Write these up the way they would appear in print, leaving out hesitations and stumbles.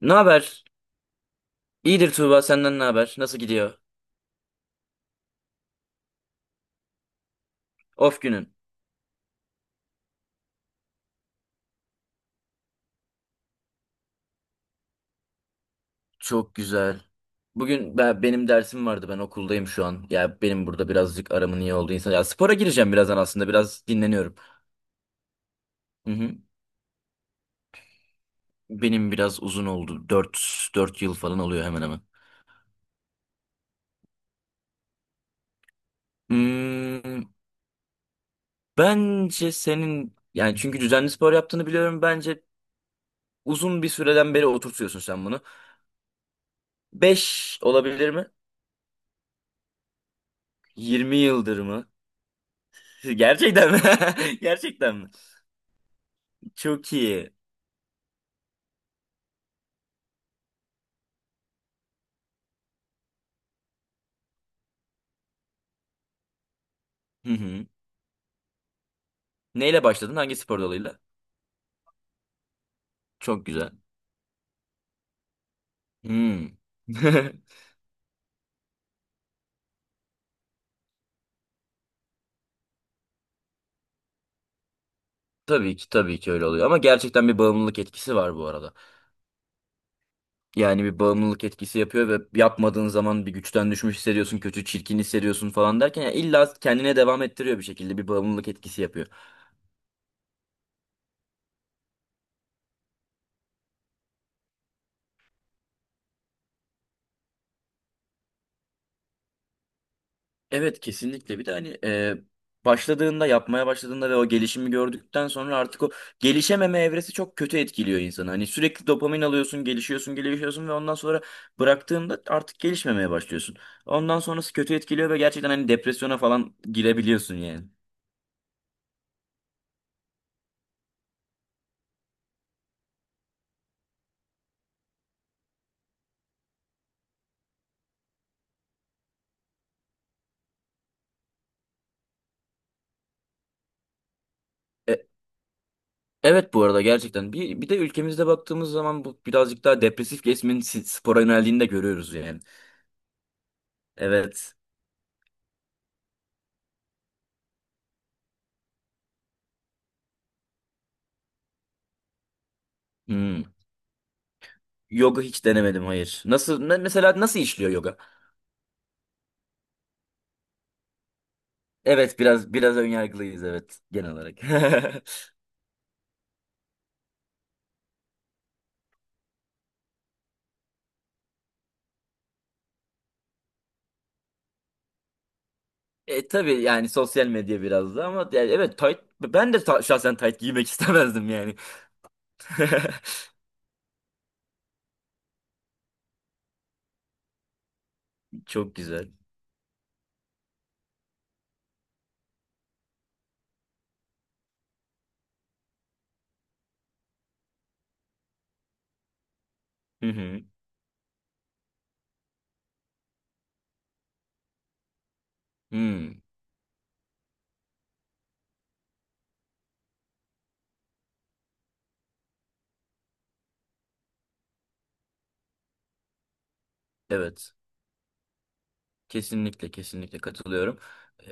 Ne haber? İyidir Tuğba, senden ne haber? Nasıl gidiyor? Of günün. Çok güzel. Bugün benim dersim vardı, ben okuldayım şu an. Ya benim burada birazcık aramın iyi olduğu insan. Ya spora gireceğim birazdan, aslında biraz dinleniyorum. Hı hı. Benim biraz uzun oldu. Dört yıl falan oluyor, hemen hemen. Hmm, Bence senin, yani çünkü düzenli spor yaptığını biliyorum. Bence uzun bir süreden beri oturtuyorsun sen bunu. 5 olabilir mi? 20 yıldır mı? Gerçekten mi? Gerçekten mi? Çok iyi. Hı hı. Neyle başladın? Hangi spor dalıyla? Çok güzel. Hmm. Tabii ki, tabii ki öyle oluyor ama gerçekten bir bağımlılık etkisi var bu arada. Yani bir bağımlılık etkisi yapıyor ve yapmadığın zaman bir güçten düşmüş hissediyorsun, kötü, çirkin hissediyorsun falan derken yani illa kendine devam ettiriyor bir şekilde, bir bağımlılık etkisi yapıyor. Evet, kesinlikle. Bir de hani başladığında, yapmaya başladığında ve o gelişimi gördükten sonra artık o gelişememe evresi çok kötü etkiliyor insanı. Hani sürekli dopamin alıyorsun, gelişiyorsun gelişiyorsun ve ondan sonra bıraktığında artık gelişmemeye başlıyorsun. Ondan sonrası kötü etkiliyor ve gerçekten hani depresyona falan girebiliyorsun yani. E, evet, bu arada gerçekten, bir de ülkemizde baktığımız zaman bu birazcık daha depresif kesimin spora yöneldiğini de görüyoruz yani. Evet. Hmm. Yoga hiç denemedim, hayır. Nasıl mesela nasıl işliyor yoga? Evet, biraz biraz önyargılıyız, evet, genel olarak. Tabii, yani sosyal medya biraz da ama yani, evet, tight, ben de şahsen tight giymek istemezdim yani. Çok güzel. Hı hı. Hmm, evet. Kesinlikle, kesinlikle katılıyorum.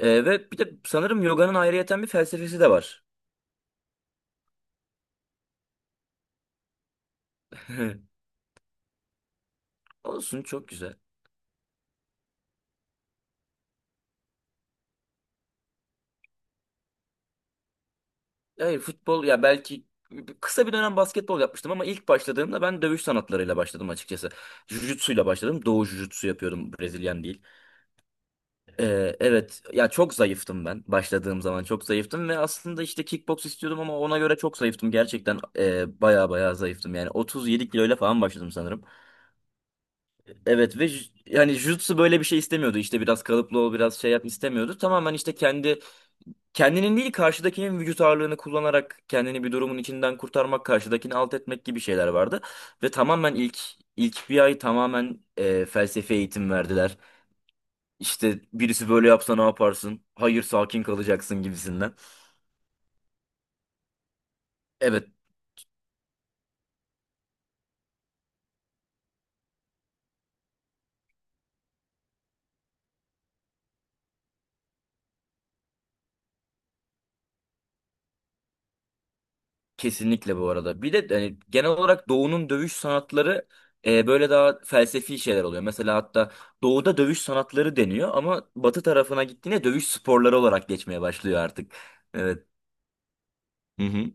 Ve bir de sanırım yoganın ayrıyeten bir felsefesi de var. Olsun, çok güzel. Hayır, futbol, ya belki kısa bir dönem basketbol yapmıştım ama ilk başladığımda ben dövüş sanatlarıyla başladım açıkçası. Jujutsu'yla başladım. Doğu Jujutsu yapıyordum, Brezilyan değil. Evet, ya çok zayıftım ben, başladığım zaman çok zayıftım ve aslında işte kickbox istiyordum ama ona göre çok zayıftım gerçekten, baya baya zayıftım yani, 37 kiloyla falan başladım sanırım. Evet ve yani jutsu böyle bir şey istemiyordu, işte biraz kalıplı ol, biraz şey yap istemiyordu, tamamen işte kendi kendinin değil karşıdakinin vücut ağırlığını kullanarak kendini bir durumun içinden kurtarmak, karşıdakini alt etmek gibi şeyler vardı ve tamamen ilk bir ay tamamen felsefe eğitim verdiler. İşte birisi böyle yapsa ne yaparsın? Hayır, sakin kalacaksın gibisinden. Evet, kesinlikle bu arada. Bir de hani genel olarak Doğu'nun dövüş sanatları böyle daha felsefi şeyler oluyor. Mesela hatta Doğu'da dövüş sanatları deniyor ama Batı tarafına gittiğinde dövüş sporları olarak geçmeye başlıyor artık. Evet. Hı hı.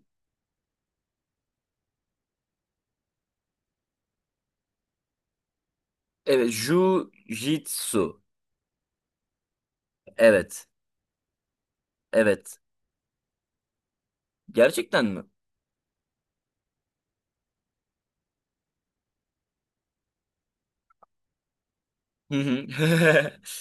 Evet, Jiu-Jitsu. Evet. Evet. Gerçekten mi? Hı hı.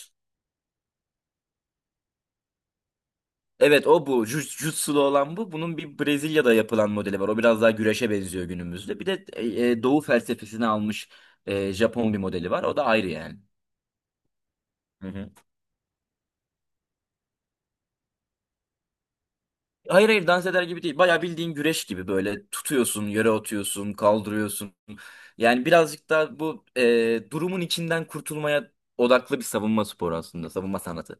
Evet, o bu. Jiu- Jitsu'lu olan bu. Bunun bir Brezilya'da yapılan modeli var. O biraz daha güreşe benziyor günümüzde. Bir de Doğu felsefesini almış Japon bir modeli var. O da ayrı yani. Hı hı. Hayır, hayır, dans eder gibi değil. Bayağı bildiğin güreş gibi, böyle tutuyorsun, yere atıyorsun, kaldırıyorsun. Yani birazcık daha bu durumun içinden kurtulmaya odaklı bir savunma sporu aslında. Savunma sanatı.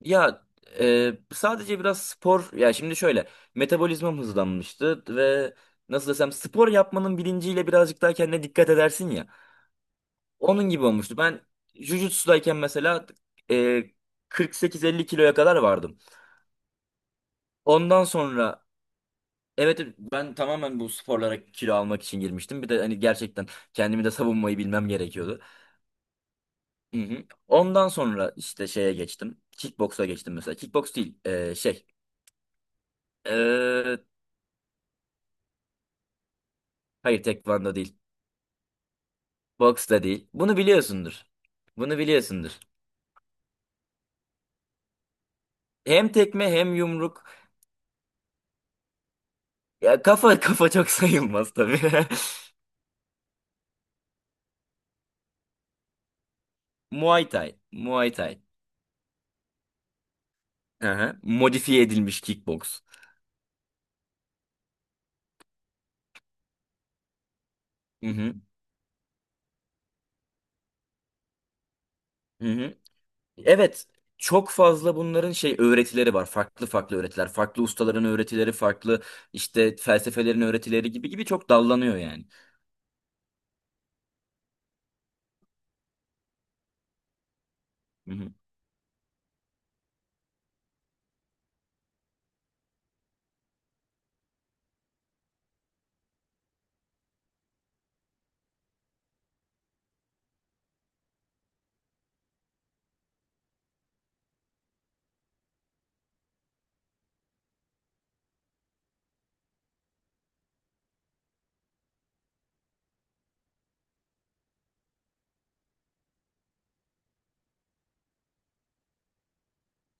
Ya, sadece biraz spor, ya şimdi şöyle, metabolizmam hızlanmıştı ve nasıl desem, spor yapmanın bilinciyle birazcık daha kendine dikkat edersin ya. Onun gibi olmuştu. Ben jujutsu'dayken mesela e, 48-50 kiloya kadar vardım. Ondan sonra evet, evet, ben tamamen bu sporlara kilo almak için girmiştim. Bir de hani gerçekten kendimi de savunmayı bilmem gerekiyordu. Hı hı. Ondan sonra işte şeye geçtim. Kickbox'a geçtim mesela. Kickbox değil, şey. e, Hayır, tekvando değil. Boks da değil. Bunu biliyorsundur. Bunu biliyorsundur. Hem tekme hem yumruk. Ya kafa, kafa çok sayılmaz tabii. Muay Thai. Muay Thai. Aha. Modifiye edilmiş kickboks. Hı hı. Hı hı. Evet. Çok fazla bunların şey öğretileri var. Farklı farklı öğretiler. Farklı ustaların öğretileri, farklı işte felsefelerin öğretileri gibi gibi, çok dallanıyor yani. Hı hı.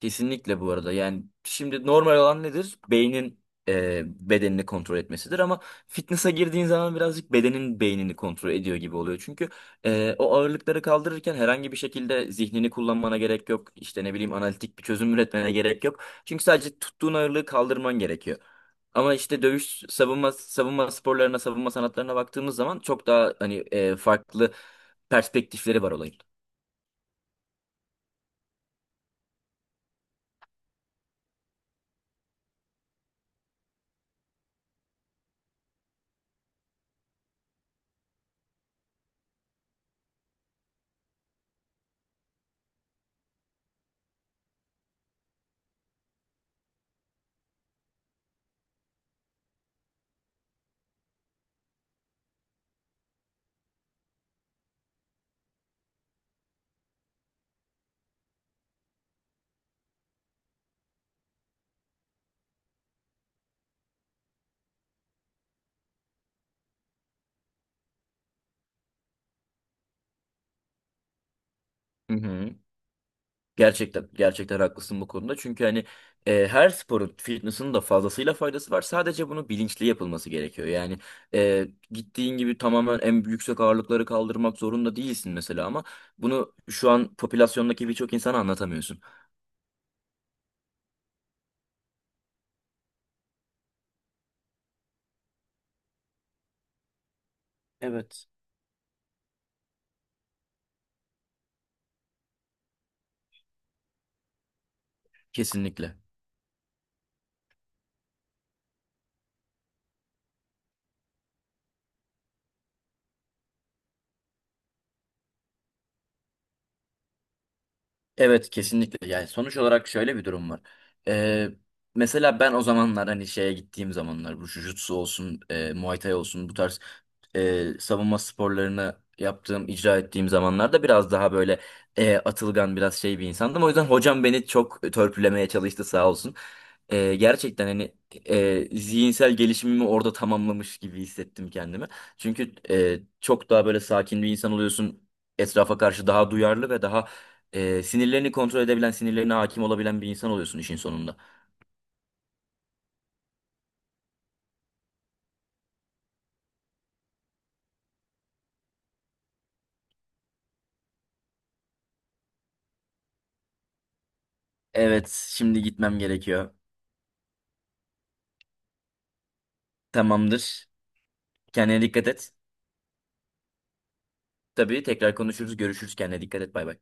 Kesinlikle bu arada. Yani şimdi normal olan nedir? Beynin bedenini kontrol etmesidir ama fitness'a girdiğin zaman birazcık bedenin beynini kontrol ediyor gibi oluyor. Çünkü o ağırlıkları kaldırırken herhangi bir şekilde zihnini kullanmana gerek yok. İşte ne bileyim, analitik bir çözüm üretmene gerek yok. Çünkü sadece tuttuğun ağırlığı kaldırman gerekiyor. Ama işte dövüş, savunma sporlarına, savunma sanatlarına baktığımız zaman çok daha hani farklı perspektifleri var olayın. Hı hı. Gerçekten, gerçekten haklısın bu konuda. Çünkü hani her sporun, fitness'ın da fazlasıyla faydası var. Sadece bunu bilinçli yapılması gerekiyor. Yani gittiğin gibi tamamen en yüksek ağırlıkları kaldırmak zorunda değilsin mesela ama bunu şu an popülasyondaki birçok insana anlatamıyorsun. Evet. Kesinlikle. Evet, kesinlikle, yani sonuç olarak şöyle bir durum var. Ee, Mesela ben o zamanlar, hani şeye gittiğim zamanlar, bu jujutsu olsun, Muay Thai olsun, bu tarz savunma sporlarını yaptığım, icra ettiğim zamanlarda biraz daha böyle atılgan, biraz şey bir insandım. O yüzden hocam beni çok törpülemeye çalıştı, sağ olsun. Gerçekten hani zihinsel gelişimimi orada tamamlamış gibi hissettim kendimi. Çünkü çok daha böyle sakin bir insan oluyorsun. Etrafa karşı daha duyarlı ve daha sinirlerini kontrol edebilen, sinirlerine hakim olabilen bir insan oluyorsun işin sonunda. Evet, şimdi gitmem gerekiyor. Tamamdır. Kendine dikkat et. Tabii, tekrar konuşuruz, görüşürüz. Kendine dikkat et. Bay bay.